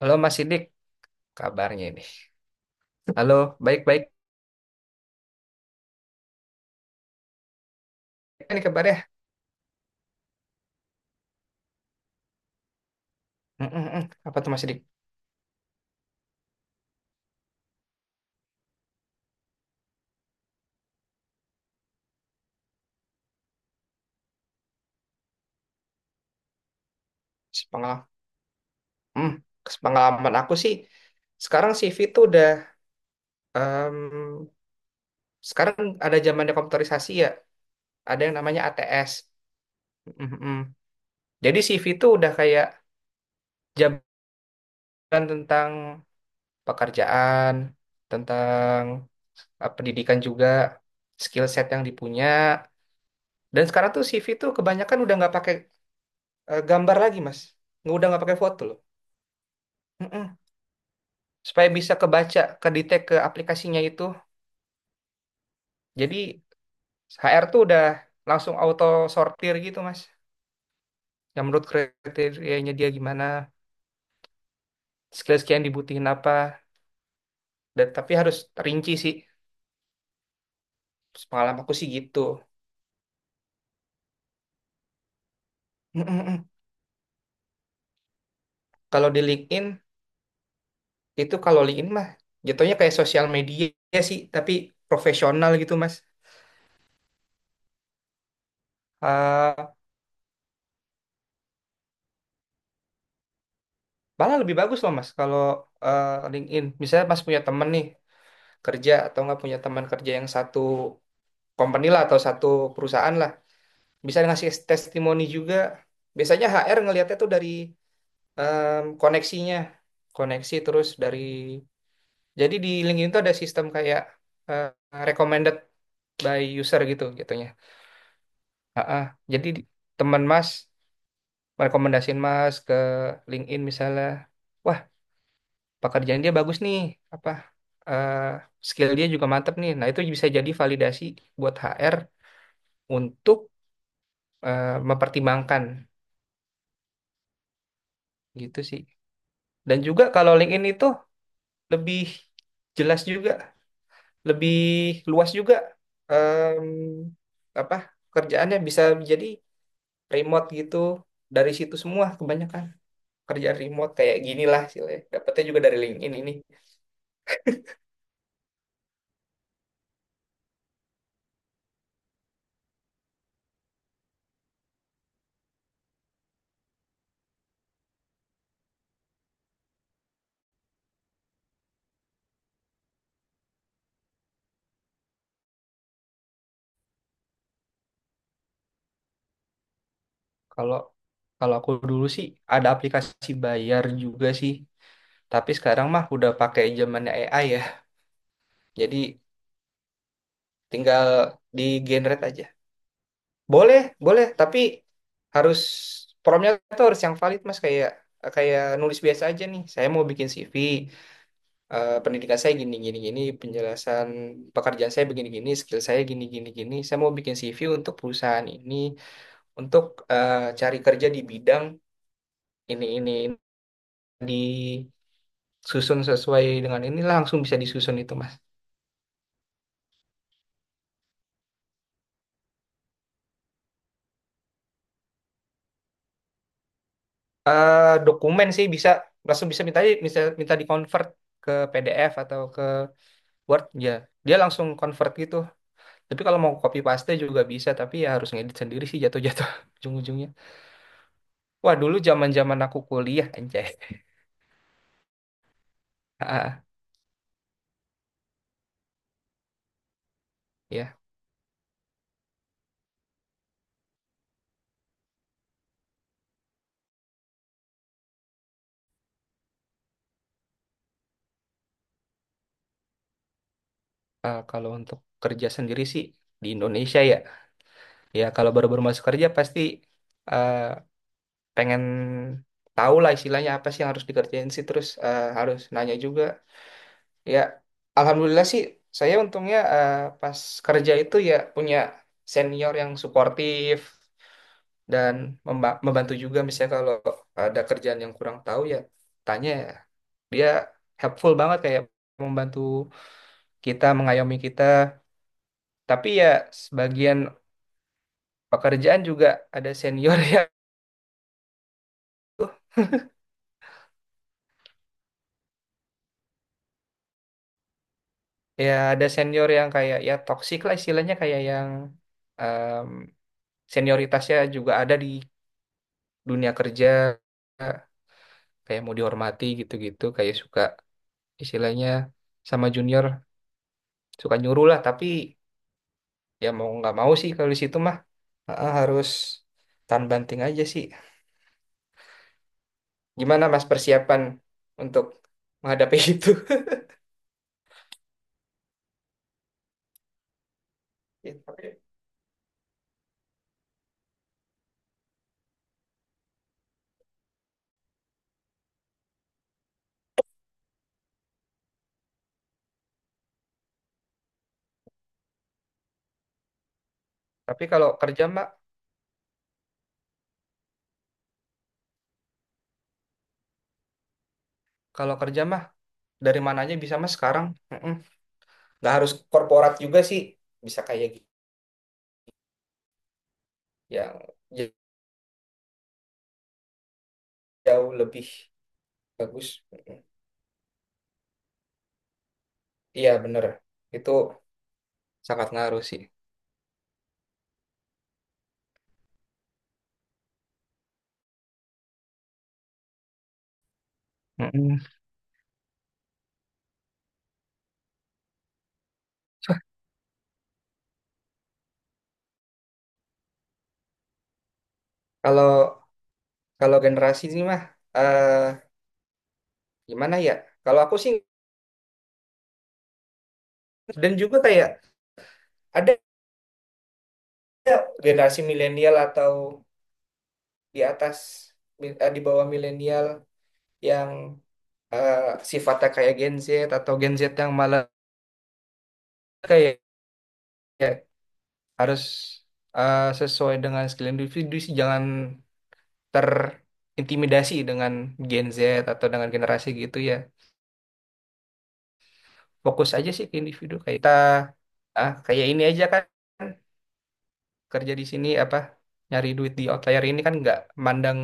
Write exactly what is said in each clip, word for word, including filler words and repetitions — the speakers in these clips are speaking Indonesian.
Halo Mas Sidik, kabarnya ini. Halo, baik-baik ini kabarnya. Mm, mm, mm. Apa tuh Mas Sidik? Sepengalaman, hmm, sepengalaman aku sih, sekarang C V tuh udah, em, sekarang ada zamannya komputerisasi ya, ada yang namanya A T S. Mm, mm, mm. Jadi C V tuh udah kayak jabaran tentang pekerjaan, tentang eh, pendidikan juga, skill set yang dipunya. Dan sekarang tuh C V tuh kebanyakan udah nggak pakai eh, gambar lagi, Mas. Nggak, udah nggak pakai foto. Mm-mm. Supaya bisa kebaca, kedetek ke aplikasinya itu. Jadi H R tuh udah langsung auto sortir gitu, Mas. Yang menurut kriterianya dia gimana, skill-skill yang dibutuhin apa. Dan tapi harus rinci sih. Pengalaman aku sih gitu. Mm-mm. Kalau di LinkedIn, itu kalau LinkedIn mah jatuhnya kayak sosial media sih, tapi profesional gitu, Mas. Eh, Malah lebih bagus loh, Mas, kalau eh, LinkedIn. Misalnya Mas punya temen nih kerja atau nggak punya teman kerja yang satu company lah atau satu perusahaan lah bisa ngasih testimoni juga, biasanya H R ngelihatnya tuh dari em, koneksinya, koneksi, terus dari, jadi di LinkedIn tuh ada sistem kayak eh, recommended by user gitu gitunya Ah, jadi di- teman Mas merekomendasiin Mas ke LinkedIn misalnya, wah pekerjaan dia bagus nih apa, eh, skill dia juga mantep nih, nah itu bisa jadi validasi buat H R untuk eh, mempertimbangkan gitu sih. Dan juga kalau LinkedIn itu lebih jelas juga, lebih luas juga, em, apa, kerjaannya bisa jadi remote gitu, dari situ semua kebanyakan kerjaan remote kayak gini lah istilahnya. Dapatnya juga dari LinkedIn ini. Kalau kalau aku dulu sih ada aplikasi bayar juga sih, tapi sekarang mah udah pakai zamannya A I ya. Jadi tinggal di generate aja. Boleh, boleh, tapi harus promnya tuh harus yang valid Mas, kayak kayak nulis biasa aja nih. Saya mau bikin C V, eh, pendidikan saya gini gini gini, penjelasan pekerjaan saya begini gini, skill saya gini gini gini. Saya mau bikin C V untuk perusahaan ini, untuk eh, cari kerja di bidang ini ini ini. Disusun sesuai dengan ini, langsung bisa disusun itu Mas. Eh, dokumen sih bisa langsung bisa minta bisa minta di convert ke P D F atau ke Word ya. Dia langsung convert gitu. Tapi kalau mau copy paste juga bisa, tapi ya harus ngedit sendiri sih, jatuh-jatuh ujung-ujungnya. Wah, dulu zaman-zaman aku kuliah anjay. Ah, Ya, ah, kalau untuk kerja sendiri sih di Indonesia ya. Ya kalau baru-baru masuk kerja pasti eh, pengen tahu lah istilahnya, apa sih yang harus dikerjain sih, terus eh, harus nanya juga. Ya, alhamdulillah sih saya untungnya eh, pas kerja itu ya punya senior yang suportif. Dan memba- membantu juga, misalnya kalau ada kerjaan yang kurang tahu ya tanya ya. Dia helpful banget, kayak membantu kita, mengayomi kita. Tapi ya sebagian pekerjaan juga ada senior yang, ya ada senior yang kayak ya toksik lah istilahnya, kayak yang em, senioritasnya juga ada di dunia kerja, kayak mau dihormati gitu-gitu, kayak suka istilahnya sama junior suka nyuruh lah, tapi ya mau nggak mau sih kalau di situ mah. Heeh, harus tahan banting aja sih. Gimana Mas persiapan untuk menghadapi itu? Ya. Tapi tapi kalau kerja Mbak, kalau kerja mah dari mana aja bisa Mas sekarang. Heeh. Nggak harus korporat juga sih, bisa kayak gitu yang j- jauh lebih bagus. Heeh. Iya bener, itu sangat ngaruh sih. Heeh. Kalau kalau generasi ini mah eh gimana ya? Kalau aku sih, dan juga kayak ada generasi milenial atau di atas, eh, di bawah milenial yang eh, sifatnya kayak Gen Z, atau Gen Z yang malah kayak kayak harus eh, sesuai dengan skill individu sih, jangan terintimidasi dengan Gen Z atau dengan generasi gitu ya. Fokus aja sih ke individu, kayak kita ah kayak ini aja kan, kerja di sini apa, nyari duit di outlier ini kan nggak mandang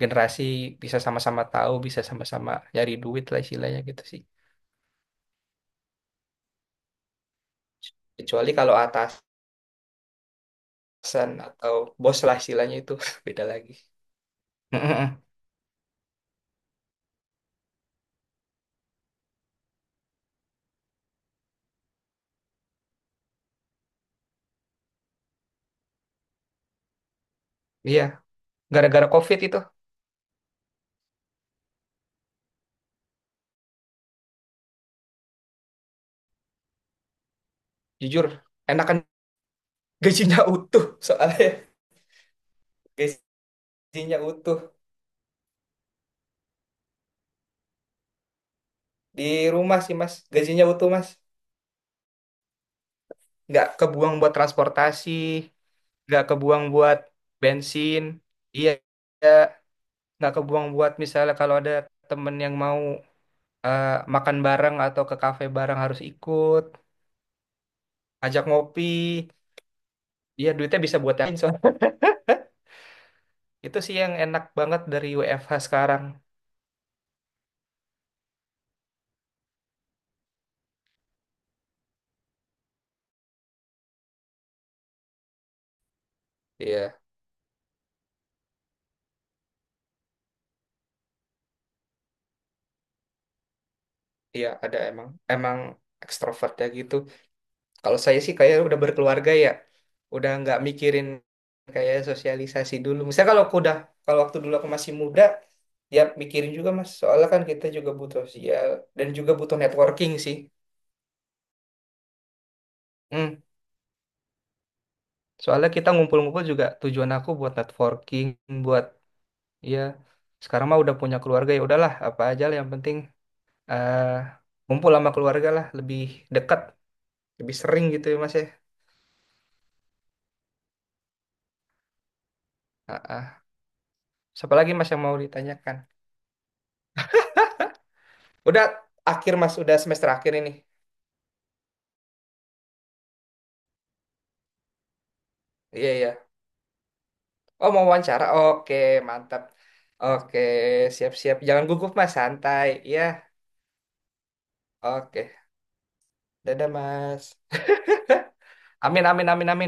generasi, bisa sama-sama tahu, bisa sama-sama nyari duit lah istilahnya gitu sih. Kecuali kalau atas, atasan atau bos lah istilahnya itu beda lagi. Iya, gara-gara COVID itu, jujur, enakan gajinya utuh soalnya. Gajinya utuh. Di rumah sih, Mas. Gajinya utuh, Mas. Nggak kebuang buat transportasi, nggak kebuang buat bensin. Iya, iya. Nggak kebuang buat misalnya kalau ada temen yang mau eh, makan bareng atau ke kafe bareng harus ikut, ajak ngopi. Iya, duitnya bisa buat yang lain soalnya. Itu sih yang enak banget dari W F H sekarang. Iya, iya ada, emang emang ekstrovert ya gitu. Kalau saya sih kayak udah berkeluarga ya, udah nggak mikirin kayak sosialisasi dulu. Misalnya kalau aku udah, kalau waktu dulu aku masih muda, ya mikirin juga Mas. Soalnya kan kita juga butuh sosial dan juga butuh networking sih. Hmm. Soalnya kita ngumpul-ngumpul juga tujuan aku buat networking, buat, ya sekarang mah udah punya keluarga, ya udahlah apa aja lah yang penting eh kumpul sama keluarga lah, lebih dekat, lebih sering gitu ya Mas ya. Ah, ah. Siapa lagi Mas yang mau ditanyakan? Udah akhir Mas, udah semester akhir ini. Iya, iya, oh mau wawancara, oke. Mantap. Oke. Siap, siap, jangan gugup Mas, santai, iya. Oke. Dadah Mas. Amin, amin, amin, amin.